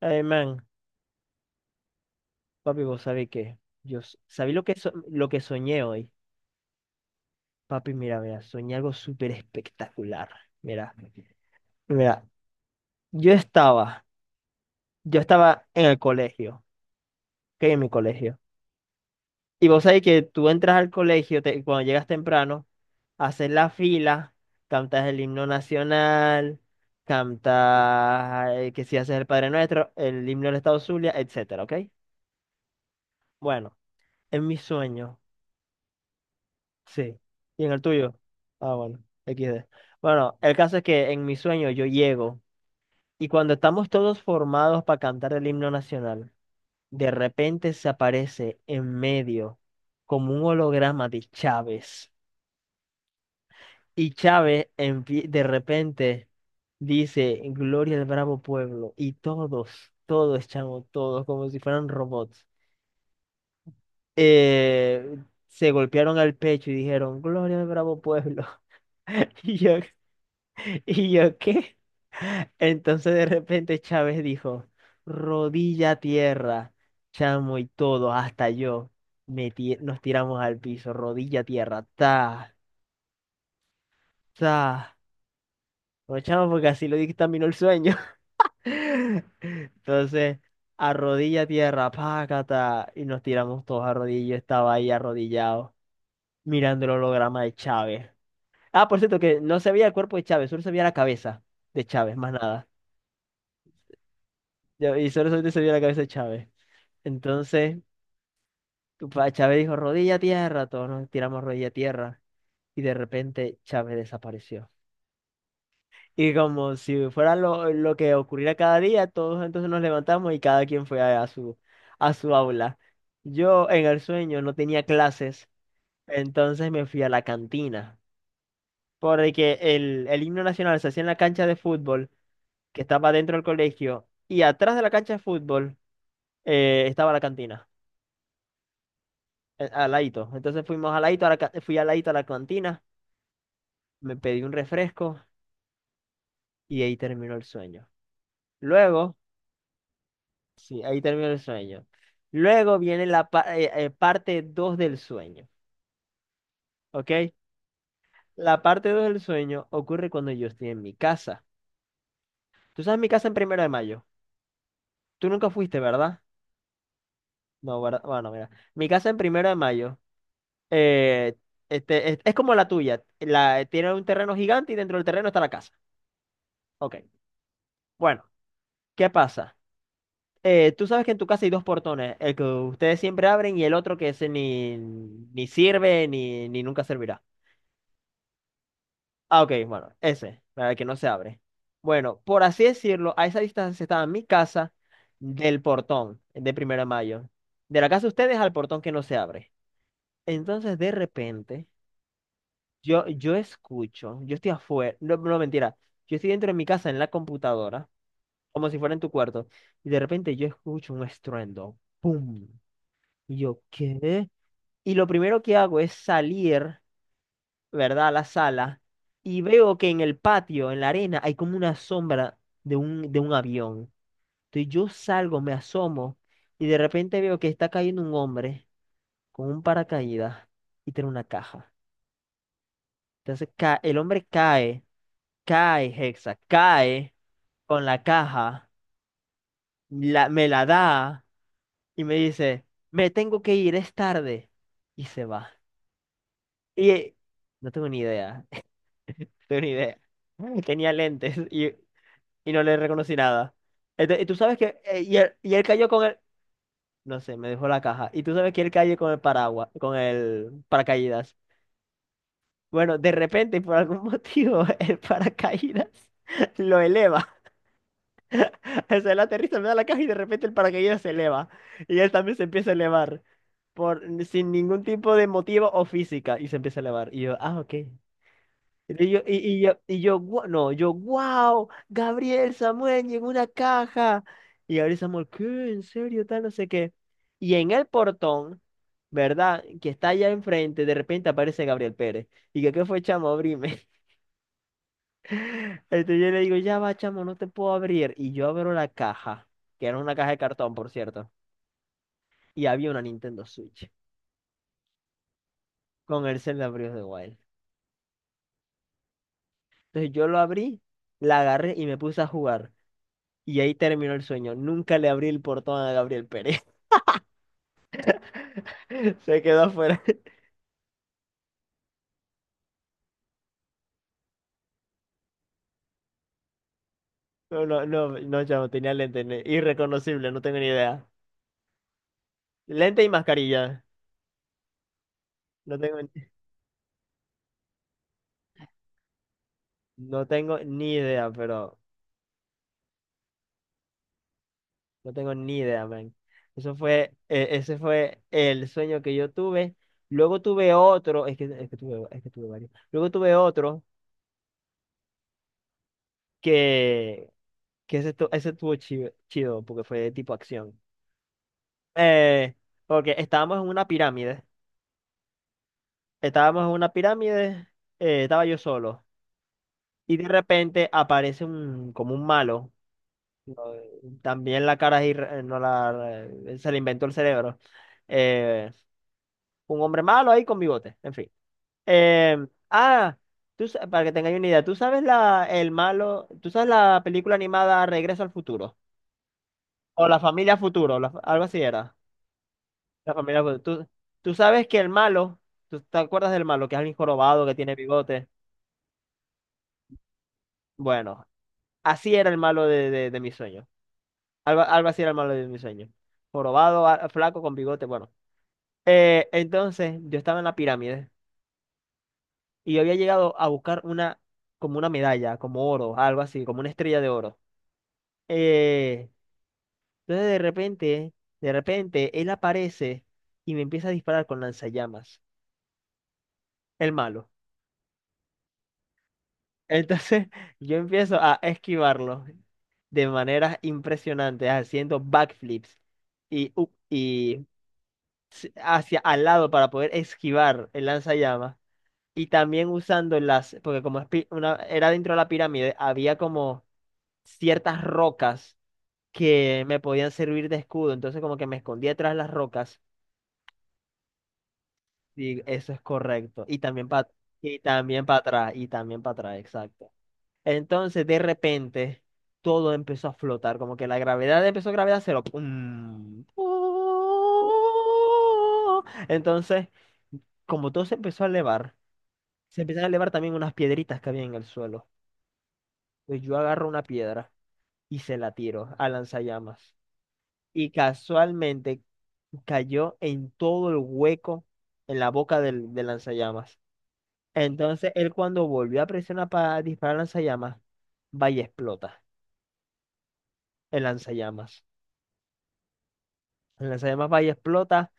Ay, man, papi, vos sabés que yo sabí lo que soñé hoy. Papi, mira, mira, soñé algo súper espectacular. Mira, mira, yo estaba, yo estaba en el colegio, ok, en mi colegio. Y vos sabés que tú entras al colegio cuando llegas temprano, haces la fila, cantas el himno nacional, cantas que si haces el Padre Nuestro, el himno del Estado Zulia, etcétera, ¿ok? Bueno, en mi sueño. Sí. ¿Y en el tuyo? Ah, bueno, XD. Bueno, el caso es que en mi sueño yo llego y cuando estamos todos formados para cantar el himno nacional, de repente se aparece en medio como un holograma de Chávez. Y Chávez de repente dice, Gloria al bravo pueblo. Y todos, todos, chamo, todos, como si fueran robots, eh, se golpearon al pecho y dijeron, Gloria al bravo pueblo. Y yo, ¿y yo qué? Entonces de repente Chávez dijo, rodilla a tierra, chamo y todo, hasta yo, nos tiramos al piso, rodilla a tierra, ta, ta. No, chamo, porque así lo dictaminó el sueño. Entonces, a rodilla a tierra, pácata, y nos tiramos todos a rodillas, yo estaba ahí arrodillado, mirando el holograma de Chávez. Ah, por cierto, que no se veía el cuerpo de Chávez, solo se veía la cabeza de Chávez, más nada. Y solo solamente se vio la cabeza de Chávez. Entonces, Chávez dijo, rodilla a tierra, todos nos tiramos rodilla a tierra. Y de repente Chávez desapareció. Y como si fuera lo que ocurriera cada día, todos entonces nos levantamos y cada quien fue a su aula. Yo en el sueño no tenía clases, entonces me fui a la cantina. Porque el himno nacional se hacía en la cancha de fútbol, que estaba dentro del colegio, y atrás de la cancha de fútbol estaba la cantina. A Laito. Entonces fuimos a Laito, a la fui a Laito a la cantina, me pedí un refresco y ahí terminó el sueño. Luego, sí, ahí terminó el sueño. Luego viene la parte 2 del sueño, ¿ok? La parte 2 del sueño ocurre cuando yo estoy en mi casa. Tú sabes mi casa en Primero de Mayo. Tú nunca fuiste, ¿verdad? No, ¿verdad? Bueno, mira. Mi casa en Primero de Mayo eh, es como la tuya. La, tiene un terreno gigante y dentro del terreno está la casa. Ok. Bueno, ¿qué pasa? Tú sabes que en tu casa hay dos portones, el que ustedes siempre abren y el otro que ese ni sirve ni nunca servirá. Ah, ok, bueno, ese, para el que no se abre. Bueno, por así decirlo, a esa distancia estaba mi casa del portón de Primero de Mayo. De la casa de ustedes al portón que no se abre. Entonces, de repente, yo escucho, yo estoy afuera, no, no mentira, yo estoy dentro de mi casa en la computadora, como si fuera en tu cuarto, y de repente yo escucho un estruendo, ¡pum! Y yo, ¿qué? Y lo primero que hago es salir, ¿verdad? A la sala y veo que en el patio, en la arena, hay como una sombra de un avión. Entonces yo salgo, me asomo y de repente veo que está cayendo un hombre con un paracaídas y tiene una caja. Entonces el hombre cae, cae, Hexa, cae con la caja, me la da y me dice, me tengo que ir, es tarde. Y se va. Y eh, no tengo ni idea. Tenía lentes y no le reconocí nada. Y tú sabes que, y él cayó con el. No sé, me dejó la caja. Y tú sabes que él cayó con el paraguas, con el paracaídas. Bueno, de repente, por algún motivo, el paracaídas lo eleva. O sea, él aterriza, me da la caja y de repente el paracaídas se eleva. Y él también se empieza a elevar. Por, sin ningún tipo de motivo o física. Y se empieza a elevar. Y yo, ah, ok. Y yo, no, yo, wow, Gabriel Samuel llegó una caja. Y Gabriel Samuel, ¿qué? ¿En serio? Tal, no sé qué. Y en el portón, ¿verdad? Que está allá enfrente, de repente aparece Gabriel Pérez. Y que, ¿qué fue, chamo? Abrime. Entonces yo le digo, ya va, chamo, no te puedo abrir. Y yo abro la caja, que era una caja de cartón, por cierto. Y había una Nintendo Switch con el Zelda Breath of the Wild. Entonces yo lo abrí, la agarré y me puse a jugar. Y ahí terminó el sueño. Nunca le abrí el portón a Gabriel Pérez. Se quedó afuera. No, no, no, no, chamo, tenía lente. Irreconocible, no tengo ni idea. Lente y mascarilla. No tengo, ni- no tengo ni idea, pero no tengo ni idea, man. Eso fue, ese fue el sueño que yo tuve. Luego tuve otro, es que tuve varios. Luego tuve otro que, que ese, ese estuvo chido, chido, porque fue de tipo acción. Eh, porque estábamos en una pirámide. Estábamos en una pirámide, estaba yo solo. Y de repente aparece un, como un malo. No, también la cara ahí, no la, se le inventó el cerebro. Eh, un hombre malo ahí con bigote, en fin. Eh, ah, Tú para que tengáis una idea, ¿tú sabes el malo, tú sabes la película animada Regreso al Futuro? O La Familia Futuro, algo así era. La Familia Futuro. Tú sabes que el malo, ¿tú te acuerdas del malo? Que es alguien jorobado, que tiene bigote. Bueno, así era el malo de mi sueño. Algo, algo así era el malo de mi sueño. Jorobado, flaco, con bigote, bueno. Entonces, yo estaba en la pirámide y yo había llegado a buscar una, como una medalla, como oro, algo así, como una estrella de oro. Eh, entonces, de repente, él aparece y me empieza a disparar con lanzallamas, el malo. Entonces, yo empiezo a esquivarlo de maneras impresionantes, haciendo backflips y hacia al lado para poder esquivar el lanzallamas y también usando las, porque como es era dentro de la pirámide, había como ciertas rocas que me podían servir de escudo, entonces como que me escondía tras las rocas y eso es correcto, y también para atrás, y también para atrás, exacto. Entonces de repente todo empezó a flotar, como que la gravedad empezó gravedad cero. ¡Pum! ¡Oh! Entonces, como todo se empezó a elevar, se empiezan a elevar también unas piedritas que había en el suelo. Pues yo agarro una piedra y se la tiro a lanzallamas. Y casualmente cayó en todo el hueco en la boca del lanzallamas. Entonces él cuando volvió a presionar para disparar lanzallamas, va y explota el lanzallamas. El lanzallamas va y explota,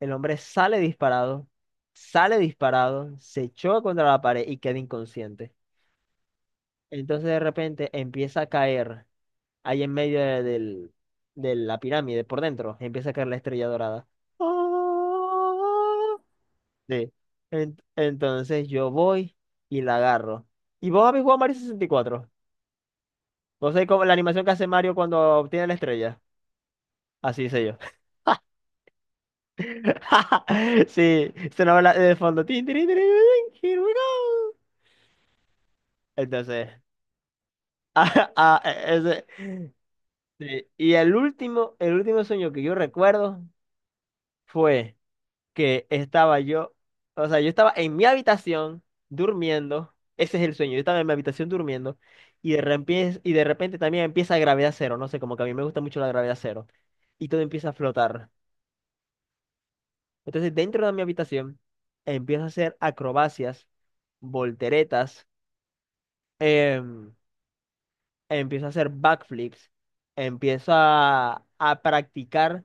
el hombre sale disparado, se choca contra la pared y queda inconsciente. Entonces de repente empieza a caer ahí en medio de la pirámide, por dentro, empieza a caer la estrella dorada. ¡Ah! Sí. Entonces yo voy y la agarro. ¿Y vos habéis jugado Mario 64? ¿Vos sabés cómo la animación que hace Mario cuando obtiene la estrella? Así hice yo. Sí, sonaba la de fondo. Tin, tirin, tirin, tirin, here we go. Entonces, ah, ah, e, ese- sí. Y el último sueño que yo recuerdo fue. Que estaba yo, o sea, yo estaba en mi habitación durmiendo, ese es el sueño, yo estaba en mi habitación durmiendo y de repente también empieza gravedad cero, no sé, como que a mí me gusta mucho la gravedad cero y todo empieza a flotar. Entonces, dentro de mi habitación empiezo a hacer acrobacias, volteretas, em, empiezo a hacer backflips, empiezo a practicar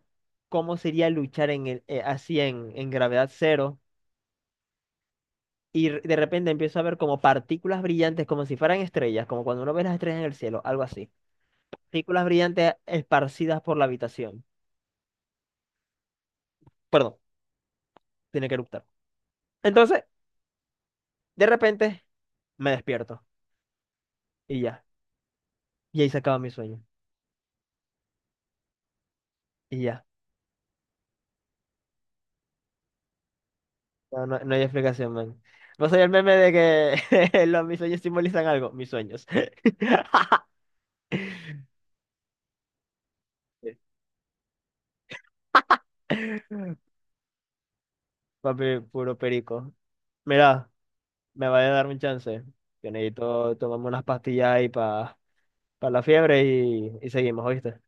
cómo sería luchar en así en gravedad cero y de repente empiezo a ver como partículas brillantes, como si fueran estrellas, como cuando uno ve las estrellas en el cielo, algo así. Partículas brillantes esparcidas por la habitación. Perdón, tiene que eructar. Entonces, de repente, me despierto y ya. Y ahí se acaba mi sueño. Y ya. No, no, no hay explicación, man. ¿Vos soy el meme de que los, mis sueños simbolizan algo? Mis sueños. Papi, puro perico. Mira, me vaya a dar un chance. Yo necesito tomarme unas pastillas ahí para la fiebre y seguimos, ¿oíste?